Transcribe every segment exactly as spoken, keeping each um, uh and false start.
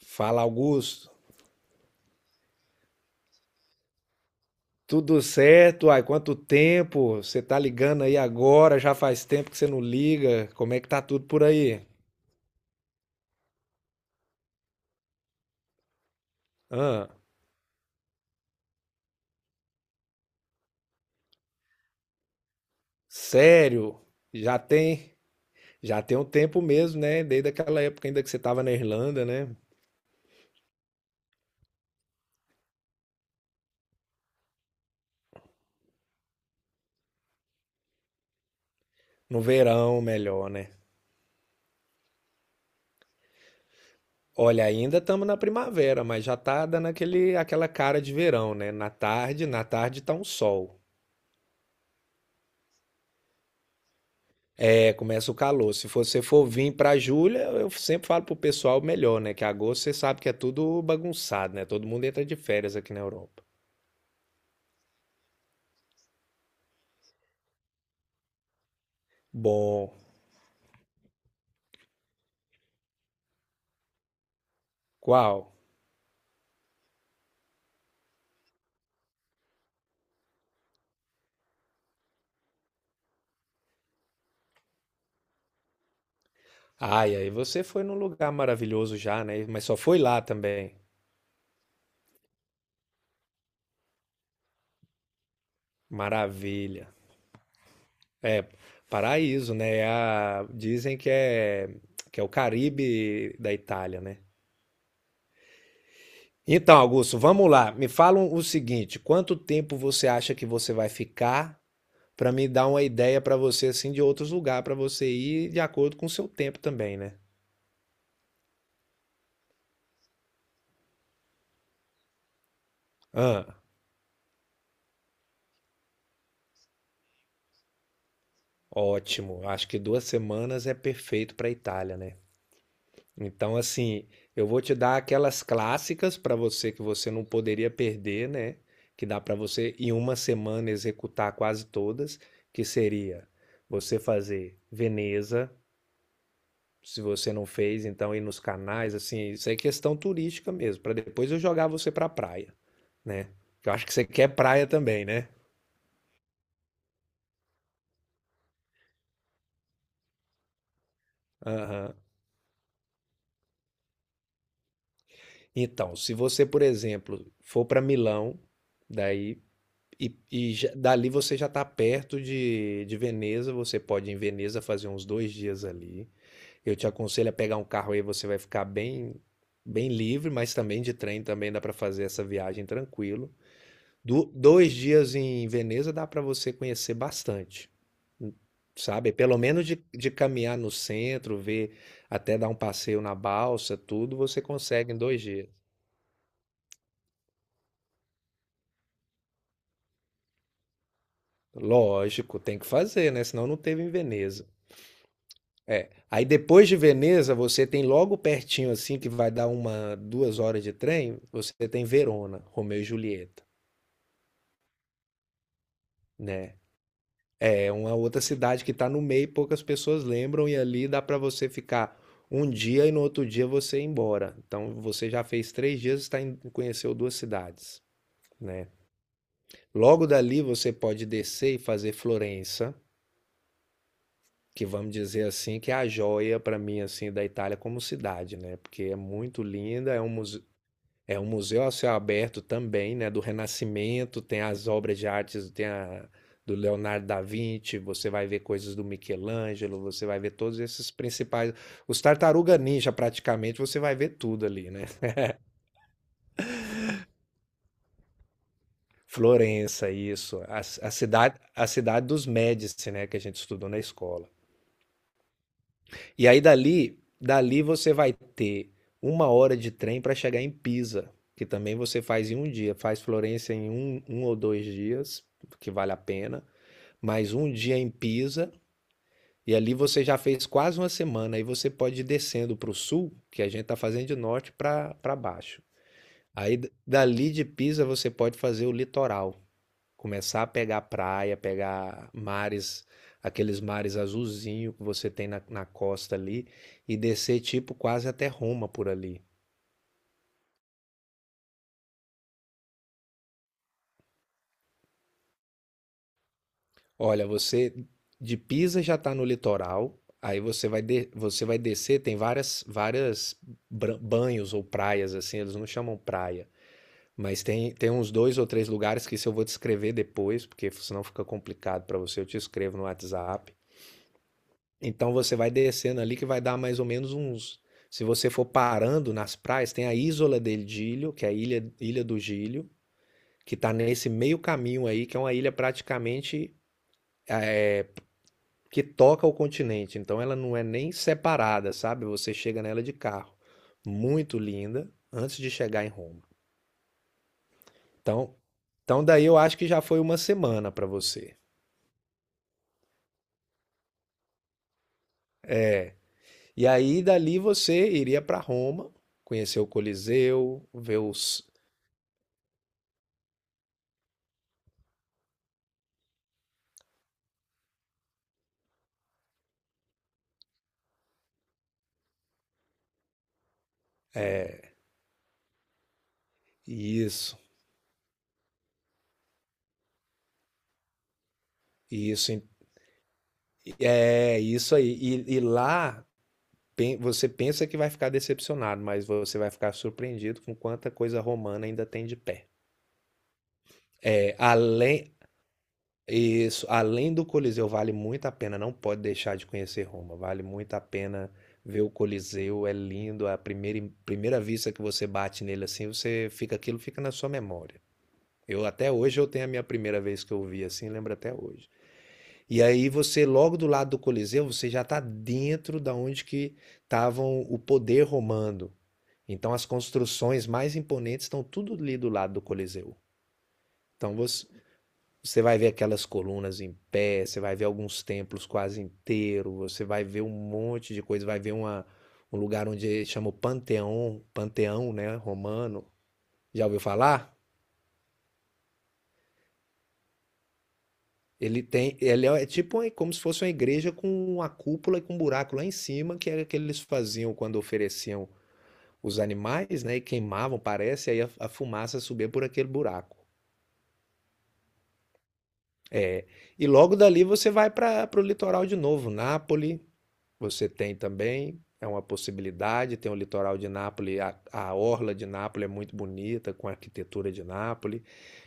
Fala, Augusto. Tudo certo? Ai, quanto tempo? Você tá ligando aí agora? Já faz tempo que você não liga. Como é que tá tudo por aí? Hã? Sério? Já tem, já tem um tempo mesmo, né? Desde aquela época ainda que você tava na Irlanda, né? No verão, melhor, né? Olha, ainda estamos na primavera, mas já tá dando aquele, aquela cara de verão, né? Na tarde, na tarde tá um sol. É, começa o calor. Se você for vir para julho, eu sempre falo pro pessoal melhor, né? Que agosto você sabe que é tudo bagunçado, né? Todo mundo entra de férias aqui na Europa. Bom, qual? Ai, aí você foi num lugar maravilhoso já, né? Mas só foi lá também. Maravilha. É, paraíso, né? É a- dizem que é que é o Caribe da Itália, né? Então, Augusto, vamos lá. Me fala o seguinte, quanto tempo você acha que você vai ficar? Para me dar uma ideia para você assim de outros lugares para você ir de acordo com o seu tempo também, né? Ah, ótimo. Acho que duas semanas é perfeito pra Itália, né? Então, assim, eu vou te dar aquelas clássicas para você que você não poderia perder, né? Que dá para você em uma semana executar quase todas, que seria você fazer Veneza, se você não fez, então ir nos canais, assim, isso é questão turística mesmo, para depois eu jogar você para praia, né? Eu acho que você quer praia também, né? Aham. Então, se você, por exemplo, for para Milão, daí e, e já- dali você já está perto de, de Veneza, você pode ir em Veneza fazer uns dois dias ali. Eu te aconselho a pegar um carro aí, você vai ficar bem bem livre, mas também de trem também dá para fazer essa viagem tranquilo. Do- dois dias em Veneza dá para você conhecer bastante, sabe? Pelo menos de, de caminhar no centro, ver, até dar um passeio na balsa, tudo você consegue em dois dias. Lógico, tem que fazer, né? Senão não teve em Veneza. É. Aí depois de Veneza, você tem logo pertinho, assim, que vai dar uma, duas horas de trem, você tem Verona, Romeu e Julieta, né? É uma outra cidade que está no meio, poucas pessoas lembram, e ali dá para você ficar um dia e no outro dia você ir embora. Então você já fez três dias e está em- conheceu duas cidades, né? Logo dali você pode descer e fazer Florença, que vamos dizer assim, que é a joia para mim assim da Itália como cidade, né? Porque é muito linda, é um museu, É um museu a céu aberto também, né, do Renascimento, tem as obras de artes, tem a do Leonardo da Vinci, você vai ver coisas do Michelangelo, você vai ver todos esses principais, os Tartaruga Ninja praticamente, você vai ver tudo ali, né? Florença, isso, a, a cidade, a cidade dos Médici, né, que a gente estudou na escola. E aí dali, dali você vai ter uma hora de trem para chegar em Pisa, que também você faz em um dia, faz Florença em um, um ou dois dias, que vale a pena. Mais um dia em Pisa, e ali você já fez quase uma semana. Aí você pode ir descendo para o sul, que a gente está fazendo de norte para baixo. Aí d- dali de Pisa você pode fazer o litoral, começar a pegar praia, pegar mares, aqueles mares azulzinho que você tem na, na costa ali, e descer tipo quase até Roma por ali. Olha, você de Pisa já está no litoral, aí você vai, de- você vai descer, tem várias, várias bran- banhos ou praias, assim, eles não chamam praia, mas tem, tem uns dois ou três lugares que isso eu vou te escrever depois, porque senão fica complicado para você, eu te escrevo no WhatsApp. Então você vai descendo ali que vai dar mais ou menos uns. Se você for parando nas praias, tem a Isola del Giglio, que é a Ilha, Ilha do Gílio, que está nesse meio caminho aí, que é uma ilha praticamente que toca ao continente, então ela não é nem separada, sabe? Você chega nela de carro. Muito linda, antes de chegar em Roma. Então, então daí eu acho que já foi uma semana para você. E aí dali você iria para Roma, conhecer o Coliseu. Ver os isso, isso é isso aí. E, e lá pen- você pensa que vai ficar decepcionado, mas você vai ficar surpreendido com quanta coisa romana ainda tem de pé. É. além Isso, além do Coliseu, vale muito a pena, não pode deixar de conhecer Roma. Vale muito a pena ver o Coliseu, é lindo, é a primeira, primeira vista que você bate nele assim, você fica, aquilo fica na sua memória. Eu até hoje eu tenho a minha primeira vez que eu vi assim, lembro até hoje. E aí você logo do lado do Coliseu, você já está dentro da onde que estavam o poder romano. Então as construções mais imponentes estão tudo ali do lado do Coliseu. Então você, você vai ver aquelas colunas em pé, você vai ver alguns templos quase inteiros, você vai ver um monte de coisa, vai ver uma, um lugar onde chama o Panteão, Panteão, né, romano. Já ouviu falar? Ele tem, ele é tipo uma- como se fosse uma igreja com uma cúpula e com um buraco lá em cima, que era o que eles faziam quando ofereciam os animais, né, e queimavam, parece, e aí a, a fumaça subia por aquele buraco. É, e logo dali você vai para o litoral de novo, Nápoles. Você tem também, é uma possibilidade, tem o litoral de Nápoles, a, a orla de Nápoles é muito bonita, com a arquitetura de Nápoles.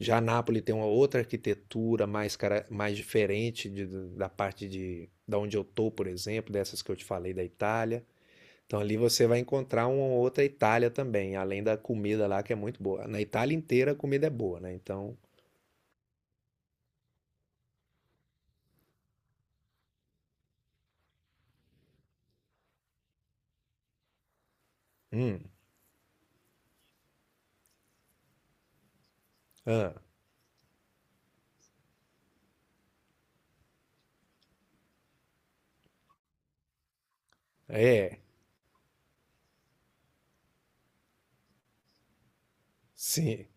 Já Nápoles tem uma outra arquitetura mais, cara- mais diferente de- da parte de, da onde eu tô, por exemplo, dessas que eu te falei da Itália. Então ali você vai encontrar uma outra Itália também, além da comida lá que é muito boa. Na Itália inteira a comida é boa, né? Então, hum, ah, é, sim,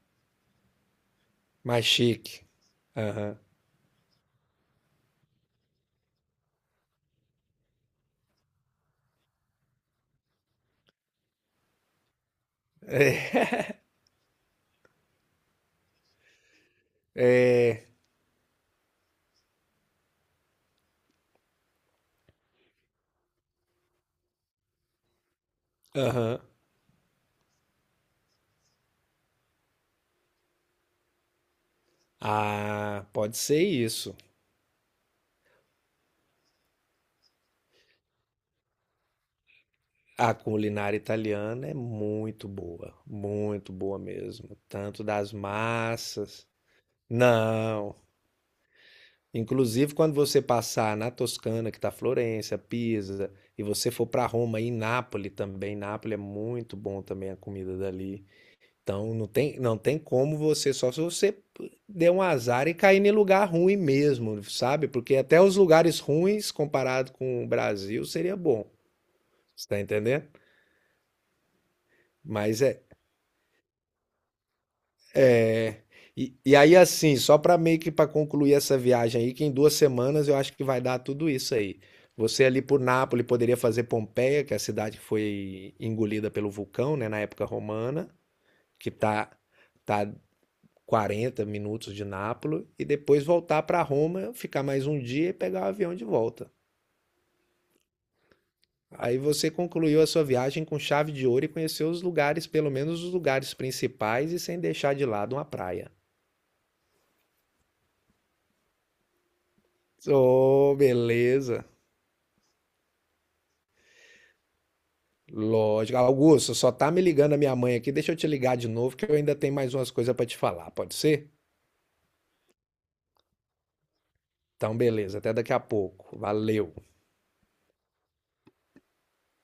mais chique. Aham, aham. Ah, pode ser isso. A culinária italiana é muito boa, muito boa mesmo, tanto das massas. Não. Inclusive, quando você passar na Toscana, que está Florença, Pisa, e você for para Roma e Nápoles também, Nápoles é muito bom também a comida dali. Então, não tem, não tem como você, só se você der um azar e cair em lugar ruim mesmo, sabe? Porque até os lugares ruins, comparado com o Brasil, seria bom. Você está entendendo? Mas é, é... E, e aí assim, só para meio que para concluir essa viagem aí, que em duas semanas eu acho que vai dar tudo isso aí. Você ali por Nápoles poderia fazer Pompeia, que é a cidade que foi engolida pelo vulcão, né, na época romana, que tá tá quarenta minutos de Nápoles e depois voltar para Roma, ficar mais um dia e pegar o avião de volta. Aí você concluiu a sua viagem com chave de ouro e conheceu os lugares, pelo menos os lugares principais, e sem deixar de lado uma praia. Ô, beleza. Lógico. Augusto, só tá me ligando a minha mãe aqui. Deixa eu te ligar de novo, que eu ainda tenho mais umas coisas pra te falar. Pode ser? Então, beleza. Até daqui a pouco. Valeu.